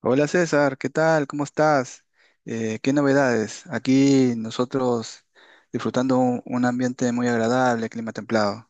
Hola César, ¿qué tal? ¿Cómo estás? ¿Qué novedades? Aquí nosotros disfrutando un ambiente muy agradable, clima templado.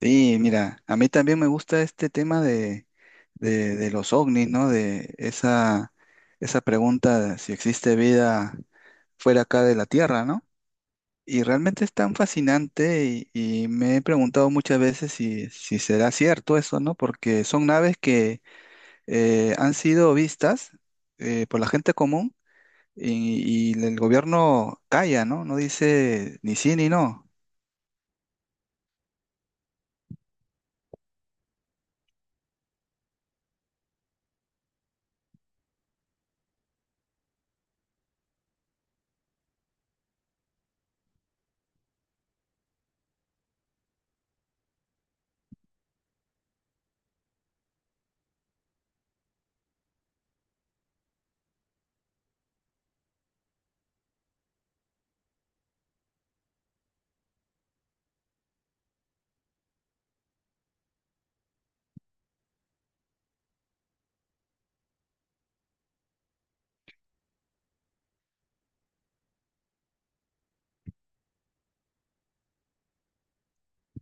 Sí, mira, a mí también me gusta este tema de los ovnis, ¿no? De esa pregunta de si existe vida fuera acá de la Tierra, ¿no? Y realmente es tan fascinante y me he preguntado muchas veces si será cierto eso, ¿no? Porque son naves que han sido vistas por la gente común y el gobierno calla, ¿no? No dice ni sí ni no.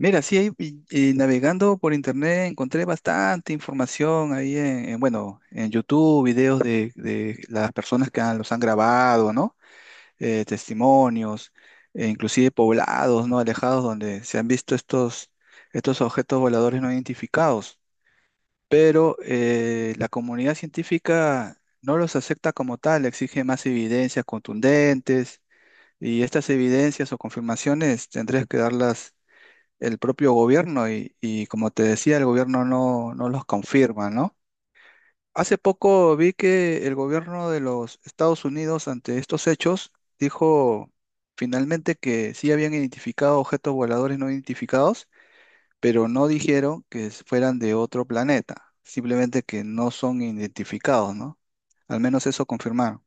Mira, sí, ahí, y navegando por internet encontré bastante información ahí bueno, en YouTube, videos de las personas que los han grabado, ¿no? Testimonios, e inclusive poblados, ¿no? Alejados donde se han visto estos objetos voladores no identificados. Pero la comunidad científica no los acepta como tal, exige más evidencias contundentes y estas evidencias o confirmaciones tendrías que darlas el propio gobierno y como te decía, el gobierno no los confirma, ¿no? Hace poco vi que el gobierno de los Estados Unidos ante estos hechos dijo finalmente que sí habían identificado objetos voladores no identificados, pero no dijeron que fueran de otro planeta, simplemente que no son identificados, ¿no? Al menos eso confirmaron.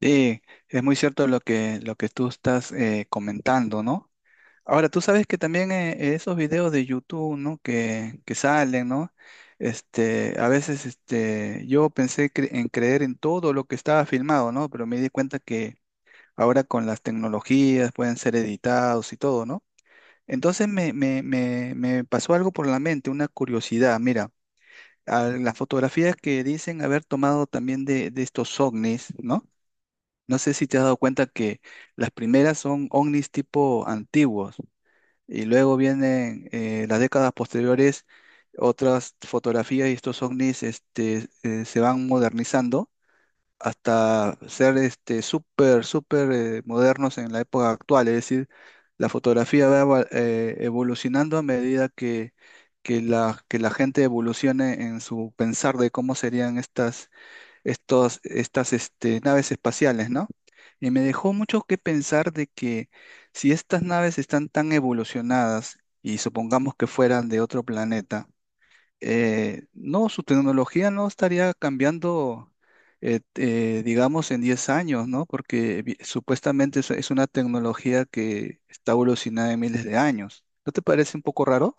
Sí, es muy cierto lo que tú estás comentando, ¿no? Ahora, tú sabes que también esos videos de YouTube, ¿no? Que salen, ¿no? Este, a veces este, yo pensé en creer en todo lo que estaba filmado, ¿no? Pero me di cuenta que ahora con las tecnologías pueden ser editados y todo, ¿no? Entonces me pasó algo por la mente, una curiosidad. Mira, a las fotografías que dicen haber tomado también de estos ovnis, ¿no? No sé si te has dado cuenta que las primeras son ovnis tipo antiguos y luego vienen las décadas posteriores otras fotografías y estos ovnis se van modernizando hasta ser este súper modernos en la época actual. Es decir, la fotografía va evolucionando a medida que que la gente evolucione en su pensar de cómo serían estas naves espaciales, ¿no? Y me dejó mucho que pensar de que si estas naves están tan evolucionadas y supongamos que fueran de otro planeta, no, su tecnología no estaría cambiando, digamos, en 10 años, ¿no? Porque supuestamente es una tecnología que está evolucionada en miles de años. ¿No te parece un poco raro?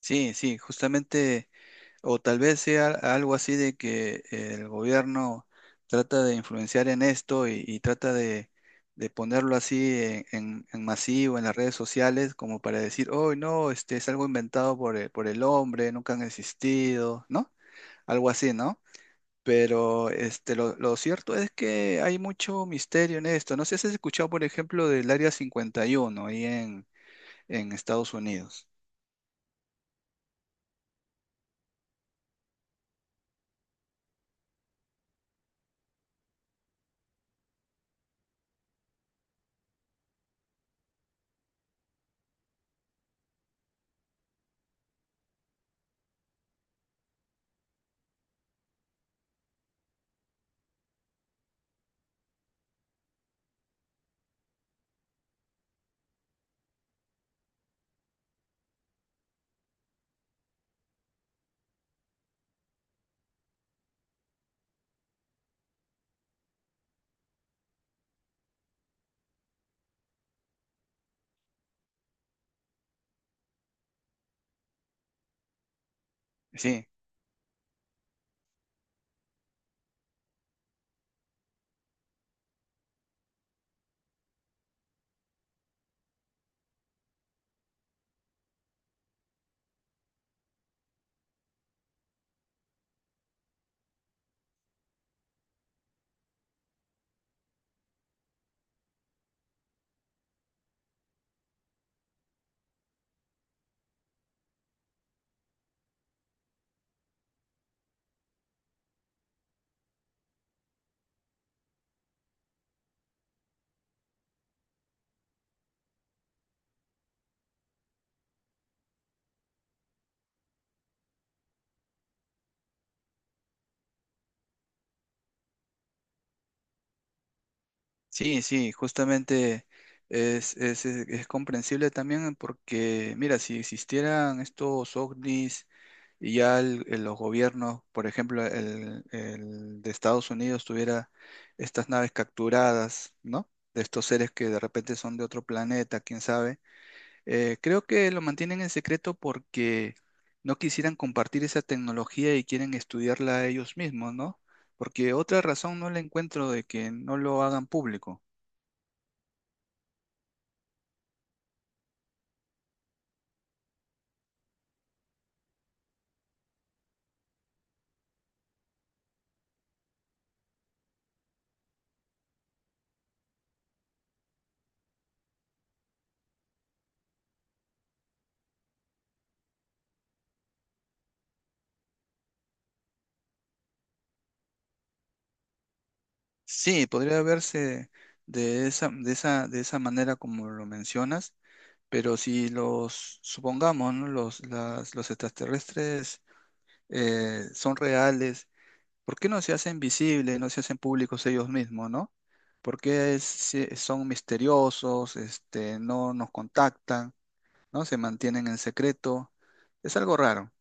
Sí, sí, justamente. O tal vez sea algo así de que el gobierno trata de influenciar en esto y trata de ponerlo así en masivo en las redes sociales como para decir, oh, no, este es algo inventado por el hombre, nunca han existido, ¿no? Algo así, ¿no? Pero este, lo cierto es que hay mucho misterio en esto. No sé si has escuchado, por ejemplo, del Área 51 ahí en Estados Unidos. Sí. Sí, sí, justamente es comprensible también porque, mira, si existieran estos ovnis y ya los gobiernos, por ejemplo, el de Estados Unidos tuviera estas naves capturadas, ¿no? De estos seres que de repente son de otro planeta, quién sabe. Creo que lo mantienen en secreto porque no quisieran compartir esa tecnología y quieren estudiarla ellos mismos, ¿no? Porque otra razón no la encuentro de que no lo hagan público. Sí, podría verse de de esa manera como lo mencionas, pero si los, supongamos, ¿no? Los extraterrestres son reales, ¿por qué no se hacen visibles, no se hacen públicos ellos mismos, ¿no? ¿Por qué son misteriosos, este, no nos contactan, ¿no? Se mantienen en secreto. Es algo raro.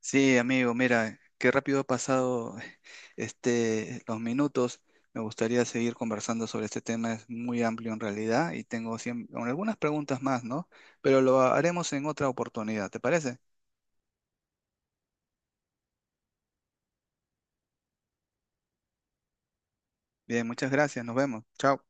Sí, amigo, mira, qué rápido ha pasado este, los minutos. Me gustaría seguir conversando sobre este tema, es muy amplio en realidad y tengo con algunas preguntas más, ¿no? Pero lo haremos en otra oportunidad, ¿te parece? Bien, muchas gracias, nos vemos. Chao.